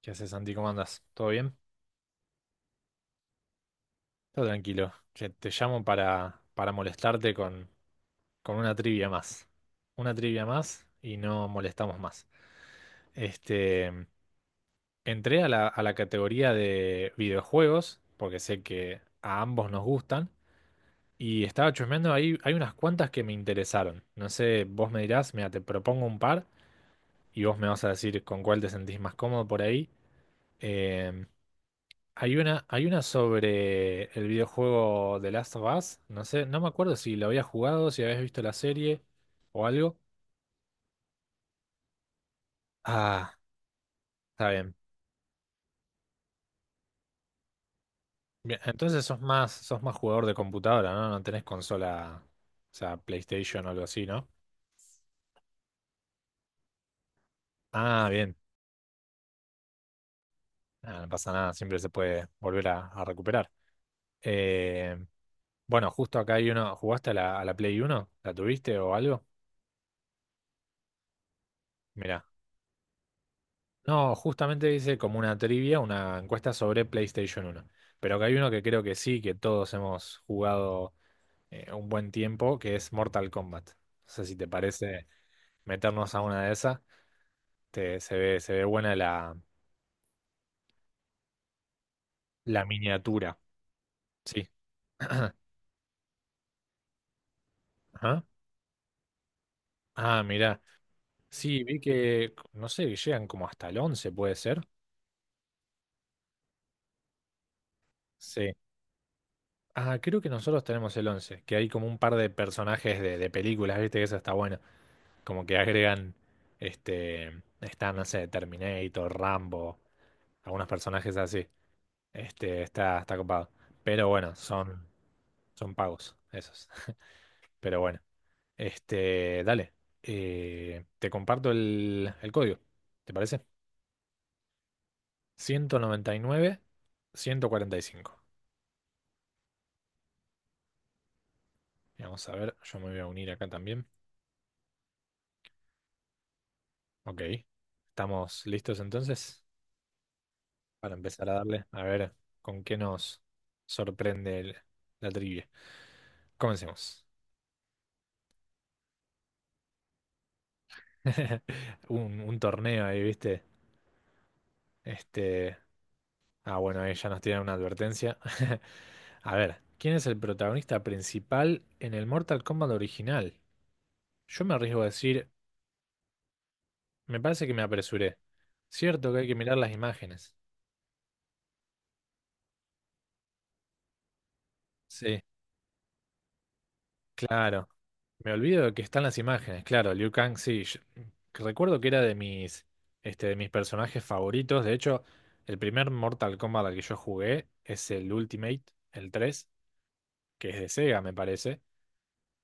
¿Qué haces, Santi? ¿Cómo andas? ¿Todo bien? Todo tranquilo. Che, te llamo para molestarte con una trivia más. Una trivia más y no molestamos más. Este, entré a la categoría de videojuegos, porque sé que a ambos nos gustan, y estaba chusmeando ahí, hay unas cuantas que me interesaron. No sé, vos me dirás, mira, te propongo un par y vos me vas a decir con cuál te sentís más cómodo por ahí. Em, Hay una sobre el videojuego The Last of Us. No sé, no me acuerdo si lo habías jugado, si habías visto la serie o algo. Ah, está bien. Bien, entonces sos más jugador de computadora, ¿no? No tenés consola, o sea, PlayStation o algo así, ¿no? Ah, bien. Ah, no pasa nada, siempre se puede volver a recuperar. Eh, bueno, justo acá hay uno. ¿Jugaste a la Play Uno? ¿La tuviste o algo? Mirá. No, justamente hice como una trivia, una encuesta sobre PlayStation uno. Pero que hay uno que creo que sí, que todos hemos jugado, un buen tiempo, que es Mortal Kombat. No sé si te parece meternos a una de esas. Se ve buena la miniatura. Sí. Ajá. Ah, mirá. Sí, vi que, no sé, que llegan como hasta el 11, puede ser. Sí. Ah, creo que nosotros tenemos el 11, que hay como un par de personajes de películas, viste que eso está bueno. Como que agregan, está, no sé, Terminator, Rambo, algunos personajes así. Está copado. Pero bueno, son pagos, esos. Pero bueno, dale. Te comparto el código, ¿te parece? 199, 145. Vamos a ver, yo me voy a unir acá también. Ok, ¿estamos listos entonces? Para empezar a darle, a ver con qué nos sorprende la trivia. Comencemos. Un torneo ahí, ¿viste? Este. Ah, bueno, ahí ya nos tiran una advertencia. A ver, ¿quién es el protagonista principal en el Mortal Kombat original? Yo me arriesgo a decir, me parece que me apresuré. Cierto que hay que mirar las imágenes. Sí, claro. Me olvido de que están las imágenes, claro, Liu Kang, sí. Recuerdo que era de mis personajes favoritos. De hecho, el primer Mortal Kombat al que yo jugué es el Ultimate, el tres, que es de Sega, me parece.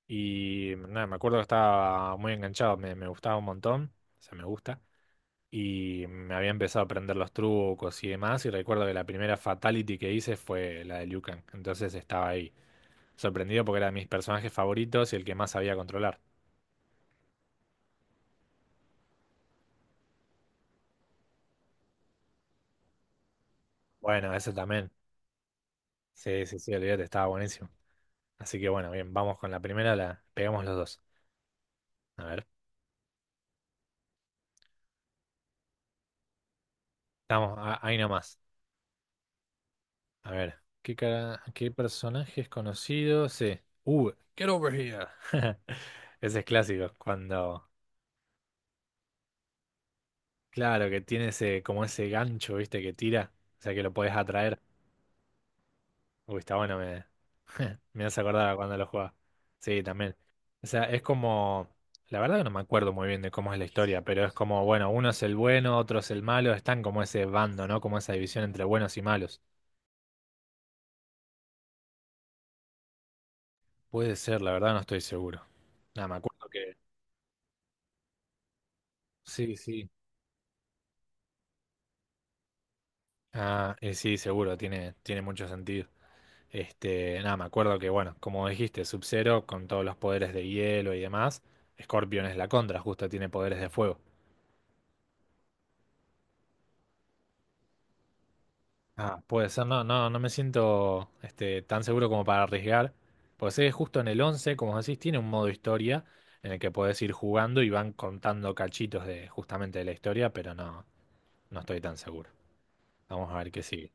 Y nada, me acuerdo que estaba muy enganchado, me gustaba un montón, o sea, me gusta. Y me había empezado a aprender los trucos y demás. Y recuerdo que la primera fatality que hice fue la de Liu Kang. Entonces estaba ahí, sorprendido porque era de mis personajes favoritos y el que más sabía controlar. Bueno, ese también. Sí, sí, sí, olvídate, estaba buenísimo. Así que bueno, bien, vamos con la primera, la pegamos los dos. A ver, ahí nomás. A ver, ¿qué cara, qué personaje es conocido? Sí. Get over here. Ese es clásico, cuando, claro, que tiene ese, como ese gancho, ¿viste? Que tira, o sea que lo podés atraer. Uy, está bueno, me hace acordar a cuando lo jugaba. Sí, también. O sea, es como, la verdad que no me acuerdo muy bien de cómo es la historia, pero es como, bueno, uno es el bueno, otro es el malo, están como ese bando, ¿no? Como esa división entre buenos y malos. Puede ser, la verdad no estoy seguro. Nada, me acuerdo que... Sí, sí. Ah, sí, seguro, tiene mucho sentido. Nada, me acuerdo que, bueno, como dijiste, Sub-Zero con todos los poderes de hielo y demás, Scorpion es la contra, justo tiene poderes de fuego. Ah, puede ser, no, no, no me siento tan seguro como para arriesgar, pues es justo en el 11, como decís, tiene un modo historia en el que podés ir jugando y van contando cachitos de justamente de la historia, pero no, no estoy tan seguro. Vamos a ver qué sigue.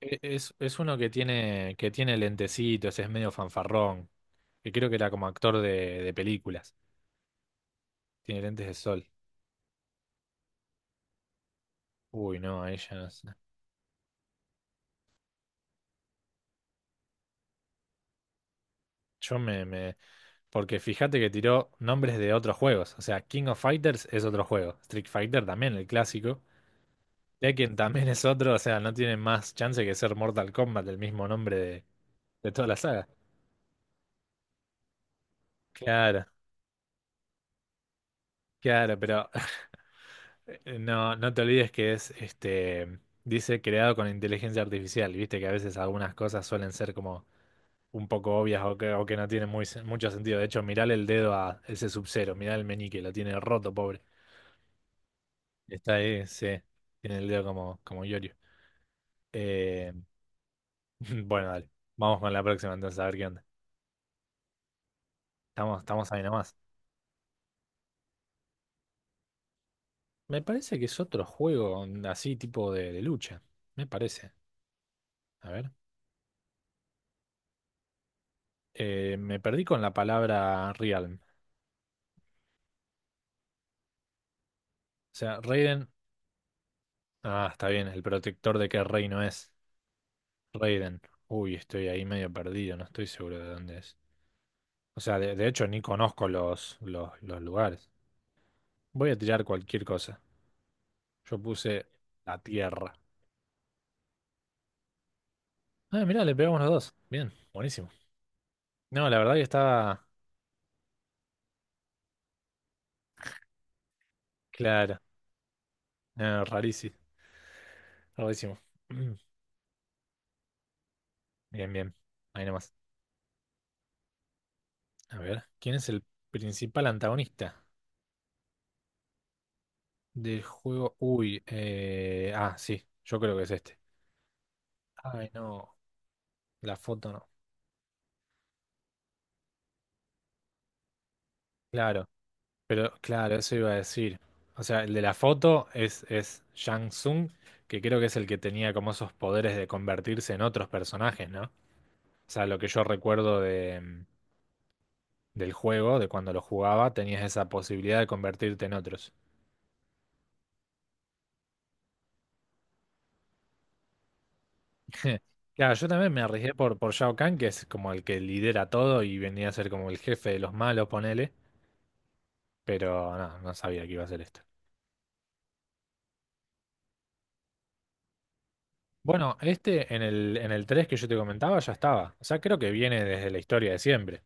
Es uno que tiene lentecitos, es medio fanfarrón, que creo que era como actor de películas, tiene lentes de sol. Uy, no, ahí ya no sé. Yo me... Porque fíjate que tiró nombres de otros juegos, o sea, King of Fighters es otro juego, Street Fighter también, el clásico, Tekken también es otro, o sea, no tiene más chance que ser Mortal Kombat, el mismo nombre de toda la saga. Claro, claro, pero, no, no te olvides que es, dice creado con inteligencia artificial, viste que a veces algunas cosas suelen ser como un poco obvias o que no tienen muy, mucho sentido. De hecho, mirale el dedo a ese Sub-Zero, mirá el meñique, lo tiene roto, pobre. Está ahí, sí, tiene el dedo como, como Yorio. Eh, bueno, dale, vamos con la próxima entonces a ver qué onda. Estamos ahí nomás. Me parece que es otro juego así tipo de lucha, me parece. A ver, me perdí con la palabra Realm. O sea, Raiden. Ah, está bien. ¿El protector de qué reino es? Raiden. Uy, estoy ahí medio perdido, no estoy seguro de dónde es. O sea, de hecho ni conozco los lugares. Voy a tirar cualquier cosa. Yo puse la tierra. Ah, mirá, le pegamos los dos. Bien, buenísimo. No, la verdad que estaba claro. No, rarísimo. Rarísimo. Bien, bien. Ahí nomás. A ver, ¿quién es el principal antagonista del juego? Uy, ah, sí, yo creo que es este. Ay, no. La foto no. Claro, pero claro, eso iba a decir. O sea, el de la foto es Shang Tsung, que creo que es el que tenía como esos poderes de convertirse en otros personajes, ¿no? O sea, lo que yo recuerdo de, del juego, de cuando lo jugaba, tenías esa posibilidad de convertirte en otros. Claro, yo también me arriesgué por Shao Kahn, que es como el que lidera todo y venía a ser como el jefe de los malos, ponele, pero no, no sabía que iba a ser esto. Bueno, este en el 3 que yo te comentaba ya estaba. O sea, creo que viene desde la historia de siempre.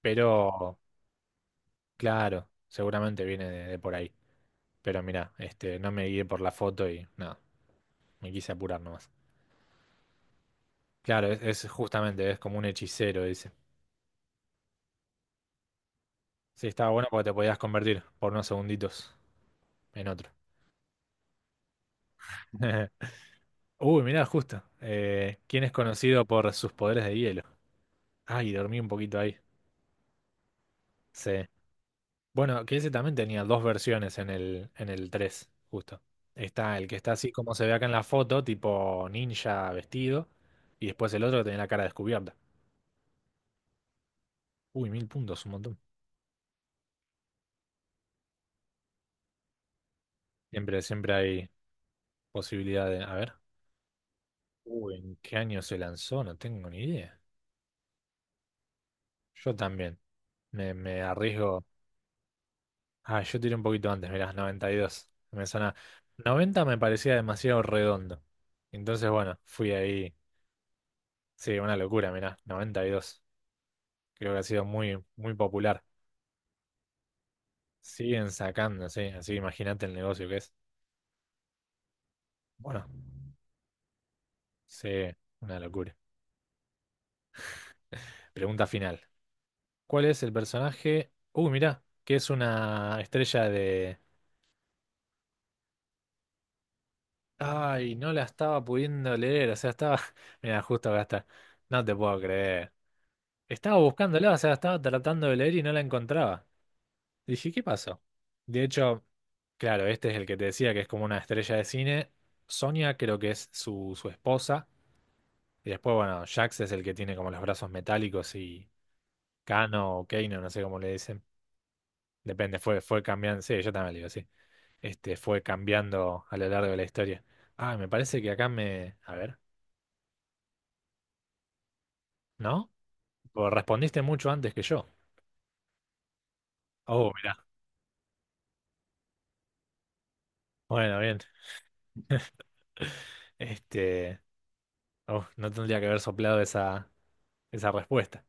Pero, claro, seguramente viene de por ahí. Pero mira, no me guié por la foto y nada, me quise apurar nomás. Claro, es justamente, es como un hechicero, dice. Sí, estaba bueno porque te podías convertir por unos segunditos en otro. Uy, mirá, justo. ¿Quién es conocido por sus poderes de hielo? Ay, dormí un poquito ahí. Sí. Bueno, que ese también tenía dos versiones en el 3, justo. Está el que está así como se ve acá en la foto, tipo ninja vestido, y después el otro que tenía la cara descubierta. Uy, 1.000 puntos, un montón. Siempre hay posibilidad de... A ver. Uy, ¿en qué año se lanzó? No tengo ni idea. Yo también. Me arriesgo... Ah, yo tiré un poquito antes, mirá, 92. Me suena... 90 me parecía demasiado redondo. Entonces, bueno, fui ahí. Sí, una locura, mirá, 92. Creo que ha sido muy popular. Siguen sacando, sí. Así que imagínate el negocio que es. Bueno, sí, una locura. Pregunta final. ¿Cuál es el personaje? Uy, mirá, que es una estrella de... Ay, no la estaba pudiendo leer. O sea, estaba... Mira, justo acá está. No te puedo creer. Estaba buscándola, o sea, estaba tratando de leer y no la encontraba. Dije, ¿qué pasó? De hecho, claro, este es el que te decía que es como una estrella de cine. Sonia creo que es su esposa. Y después, bueno, Jax es el que tiene como los brazos metálicos y Kano o Kano, no sé cómo le dicen. Depende, fue cambiando. Sí, yo también le digo, sí. Este fue cambiando a lo largo de la historia. Ah, me parece que acá me. A ver, ¿no? Vos respondiste mucho antes que yo. Oh, mirá. Bueno, bien. Este. Oh, no tendría que haber soplado esa, esa respuesta.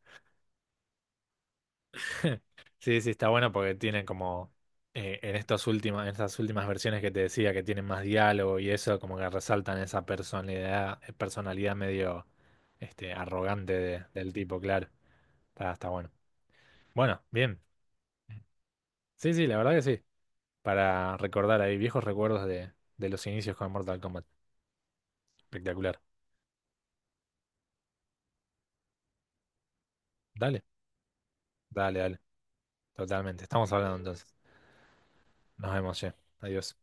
Sí, sí, está bueno porque tiene como, en estos últimos, en estas últimas versiones que te decía que tienen más diálogo y eso, como que resaltan esa personalidad, personalidad medio arrogante del tipo, claro. Está bueno. Bueno, bien. Sí, sí, la verdad que sí. Para recordar ahí viejos recuerdos de los inicios con Mortal Kombat. Espectacular. Dale, dale, dale. Totalmente. Estamos hablando entonces. Nos vemos, che. Adiós.